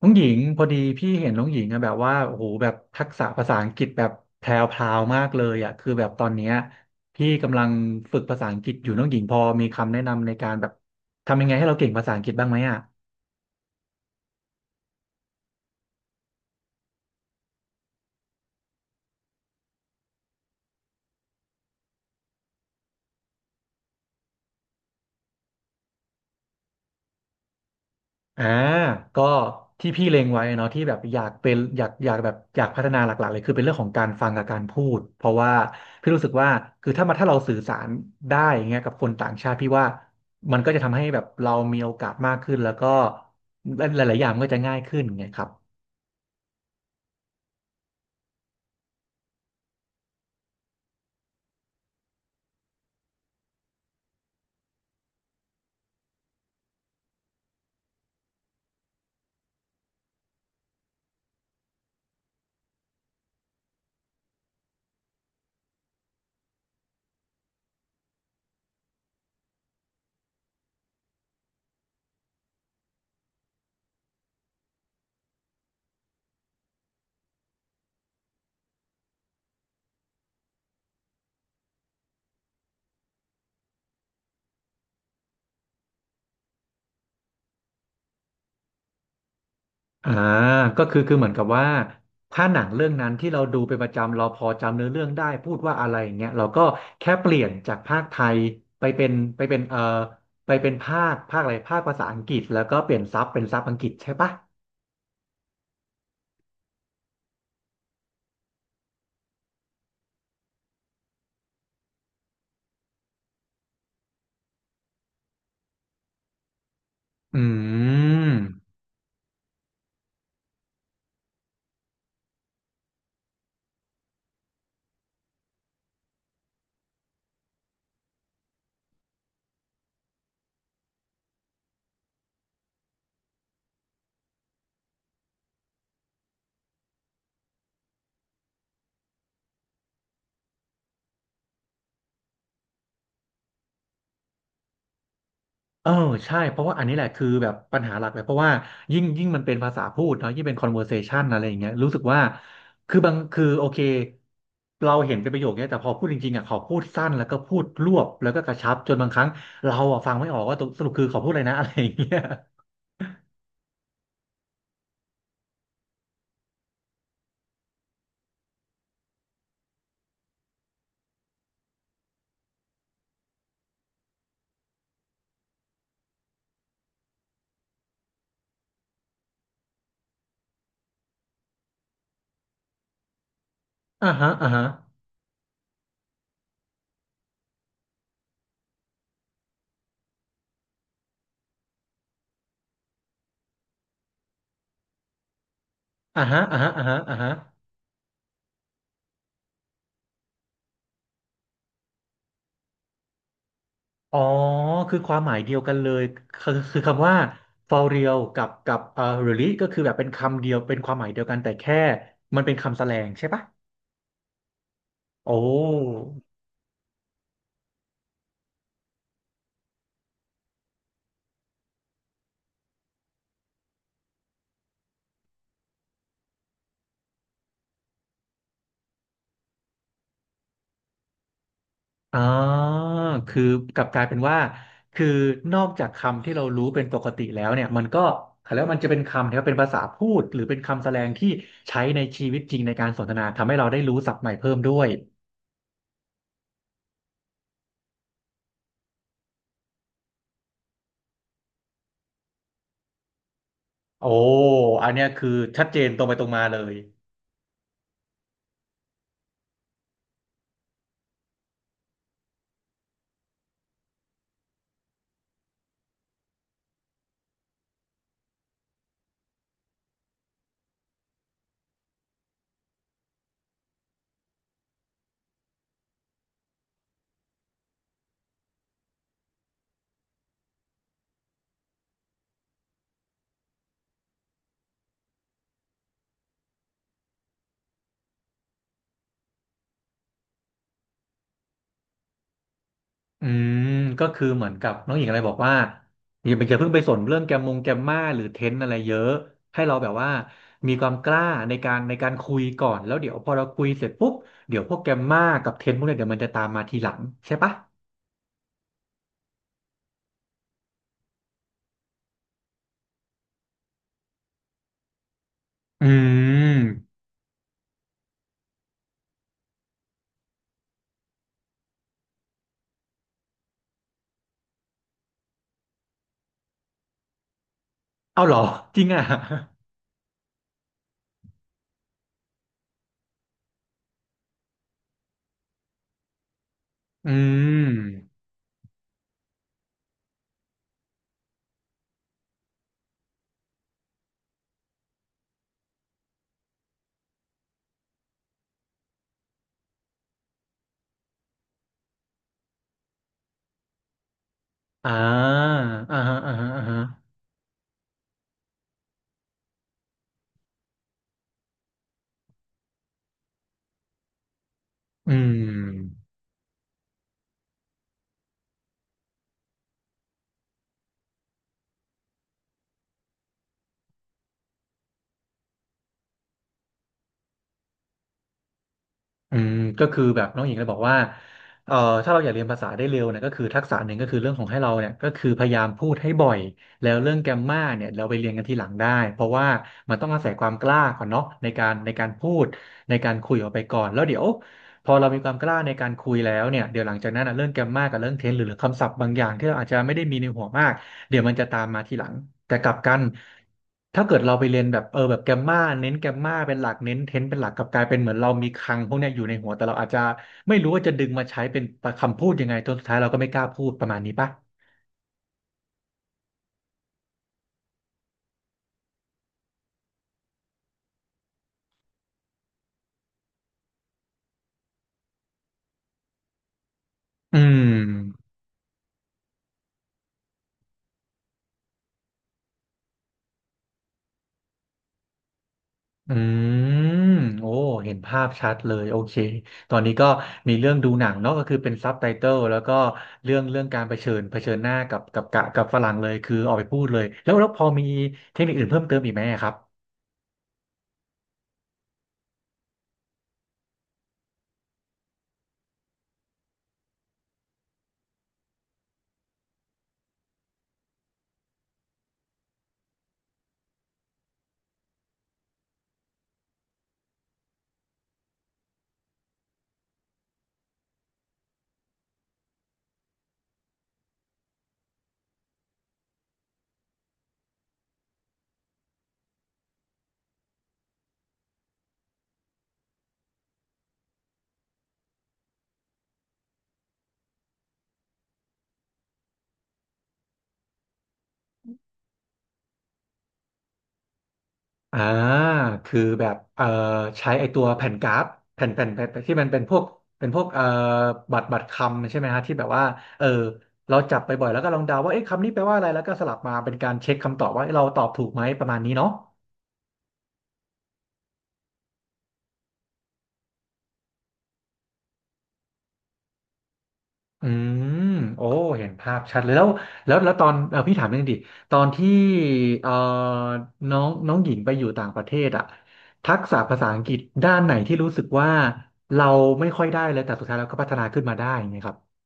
น้องหญิงพอดีพี่เห็นน้องหญิงอะแบบว่าโอ้โหแบบทักษะภาษาอังกฤษแบบแพรวพราวมากเลยอะคือแบบตอนเนี้ยพี่กำลังฝึกภาษาอังกฤษอยู่น้องหญิงพอมีคำแนะนำในการแบบทำยังไงให้เราเก่งภาษาอังกฤษบ้างไหมอะ อ่าก็ที่พี่เล็งไว้เนาะที่แบบอยากเป็นอยากแบบอยากพัฒนาหลักๆเลยคือเป็นเรื่องของการฟังกับการพูดเพราะว่าพี่รู้สึกว่าคือถ้ามาถ้าเราสื่อสารได้อย่างเงี้ยกับคนต่างชาติพี่ว่ามันก็จะทำให้แบบเรามีโอกาสมากขึ้นแล้วก็หลายๆอย่างมันก็จะง่ายขึ้นไงครับ อ่าก็คือเหมือนกับว่าถ้าหนังเรื่องนั้นที่เราดูเป็นประจำเราพอจำเนื้อเรื่องได้พูดว่าอะไรอย่างเงี้ยเราก็แค่เปลี่ยนจากภาคไทยไปเป็นไปเป็นภาคอะไรภาษาอังกฤษแล้วก็เปลี่ยนซับเป็นซับอังกฤษใช่ปะอืม เออใช่เพราะว่าอันนี้แหละคือแบบปัญหาหลักเลยเพราะว่ายิ่งมันเป็นภาษาพูดเนาะยิ่งเป็น conversation อะไรอย่างเงี้ยรู้สึกว่าคือบางโอเคเราเห็นเป็นประโยคเนี้ยแต่พอพูดจริงๆอ่ะเขาพูดสั้นแล้วก็พูดรวบแล้วก็กระชับจนบางครั้งเราอ่ะฟังไม่ออกว่าตกสรุปคือเขาพูดอะไรนะ อะไรอย่างเงี้ยอ่าฮะอ่าฮะอ่าฮะอ่าฮะอ่าฮะอ่าฮะอ๋อคือความหมายเดียวกันเลยคือคำว่า for real กับreally ก็คือแบบเป็นคำเดียวเป็นความหมายเดียวกันแต่แค่มันเป็นคำแสลงใช่ปะ โอ้อ่าคือกลับกลายเป็นว่าคือนอกจากคำที่เรารู้เป็นปกติแล้วเนี่ยมันก็แล้วมันจะเป็นคำที่ว่าเป็นภาษาพูดหรือเป็นคำแสดงที่ใช้ในชีวิตจริงในการสนทนาทำให้เราได้รู้ศัพท์ใหม่เพิ่มด้วยโอ้อันเนี้ยคือชัดเจนตรงไปตรงมาเลย อืมก็คือเหมือนกับน้องหญิงอะไรบอกว่าอย่าไปอย่าเพิ่งไปสนเรื่องแกมมาหรือเทรนอะไรเยอะให้เราแบบว่ามีความกล้าในการคุยก่อนแล้วเดี๋ยวพอเราคุยเสร็จปุ๊บเดี๋ยวพวกแกมมากับเทรนพวกเนี้ยเดี๋ยวมันจะตามมาทีหลังใช่ปะอืมเอาเหรอจริงอ่ะอืม อ่าอ่าฮะอ่าฮะอ่าฮะอืม อืมก็คือแบบน้องหญิงเลยบอกว่าเอ่อถ้าเราอยากเรียนภาษาได้เร็วเนี่ยก็คือทักษะหนึ่งก็คือเรื่องของให้เราเนี่ยก็คือพยายามพูดให้บ่อยแล้วเรื่องแกรมมาเนี่ยเราไปเรียนกันทีหลังได้เพราะว่ามันต้องอาศัยความกล้าก่อนเนาะในการพูดในการคุยออกไปก่อนแล้วเดี๋ยวพอเรามีความกล้าในการคุยแล้วเนี่ยเดี๋ยวหลังจากนั้นนะเรื่องแกรมมากับเรื่องเทนส์หรือคำศัพท์บางอย่างที่เราอาจจะไม่ได้มีในหัวมาก เดี๋ยวมันจะตามมาทีหลังแต่กลับกันถ้าเกิดเราไปเรียนแบบเออแบบแกมมาเน้นแกมมาเป็นหลักเน้นเทนเป็นหลักกลับกลายเป็นเหมือนเรามีคลังพวกเนี้ยอยู่ในหัวแต่เราอาจจะไม่รู้ว่าจะดึงมาใช้เป็นคำพูดยังไงจนสุดท้ายเราก็ไม่กล้าพูดประมาณนี้ปะอืมอืมโอ้เห็นภาพชัดเลยโอเคตอนนี้ก็มีเรื่องดูหนังเนาะก็คือเป็นซับไตเติลแล้วก็เรื่องการเผชิญหน้ากับกับฝรั่งเลยคือออกไปพูดเลยแล้วพอมีเทคนิคอื่นเพิ่มเติมอีกไหมอะครับ อ่าคือแบบใช้ไอตัวแผ่นกราฟแผ่นที่มันเป็นพวกเป็นพวกบัตรคำใช่ไหมฮะที่แบบว่าเออเราจับไปบ่อยแล้วก็ลองเดาว่าเอ๊ะคำนี้แปลว่าอะไรแล้วก็สลับมาเป็นการเช็คคำตอบว่าเอ๊ะเราตอบถูกไหมประมาณนี้เนาะอืมโอ้เห็นภาพชัดเลยแล้วแล้วตอนเออพี่ถามนิดนึงดิตอนที่เอ่อน้องน้องหญิงไปอยู่ต่างประเทศอะทักษะภาษาอังกฤษด้านไหนที่รู้สึกว่าเราไม่ค่อยได้เลยแต่สุดท้ายเราก็พัฒนาขึ้นมาได้อย่างเงี้ยครับ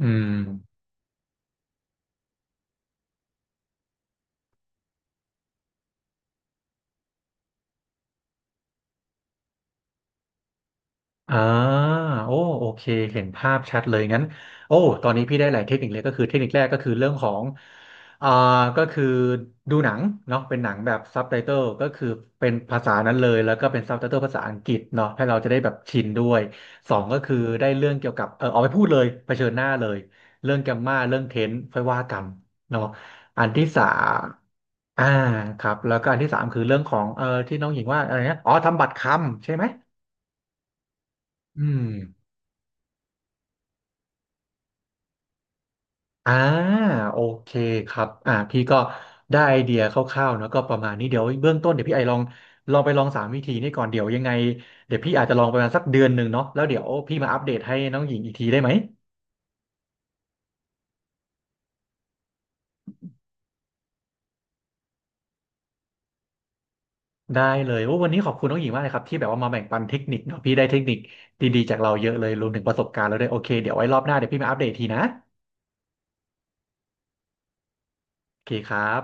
อืมอ่าโอ้โอเคเห็นภาพชัดเลยงั้นโอ้ตอนนี้พี่ได้หลายเทคนิคเลยก็คือเทคนิคแรกก็คือเรื่องของอ่าก็คือดูหนังเนาะเป็นหนังแบบซับไตเติลก็คือเป็นภาษานั้นเลย แล้วก็เป็นซับไตเติลภาษาอังกฤษเนาะให้เราจะได้แบบชินด้วยสองก็คือได้เรื่องเกี่ยวกับเออเอาไปพูดเลยเผชิญหน้าเลย เรื่องแกมมาเรื่องเทนส์ค่อยว่ากันเนาะอันที่สามอ่าครับแล้วก็อันที่สามคือเรื่องของเออที่น้องหญิงว่าอะไรนะอ๋อทำบัตรคำใช่ไหม อืมอ่าโอเคครับพี่ก็ได้ไอเดียคร่าวๆเนอะก็ประมาณนี้เดี๋ยวเบื้องต้นเดี๋ยวพี่ไอลองไปลองสามวิธีนี่ก่อนเดี๋ยวยังไงเดี๋ยวพี่อาจจะลองประมาณสักเดือนหนึ่งเนาะแล้วเดี๋ยวพี่มาอัปเดตให้น้องหญิงอีกทีได้ไหมได้เลยโอ้วันนี้ขอบคุณน้องหญิงมากเลยครับที่แบบว่ามาแบ่งปันเทคนิคเนาะพี่ได้เทคนิคดีๆจากเราเยอะเลยรวมถึงประสบการณ์แล้วด้วยโอเคเดี๋ยวไว้รอบหน้าเดี๋ยวพี่มาอัปเดตทีนะโอเคครับ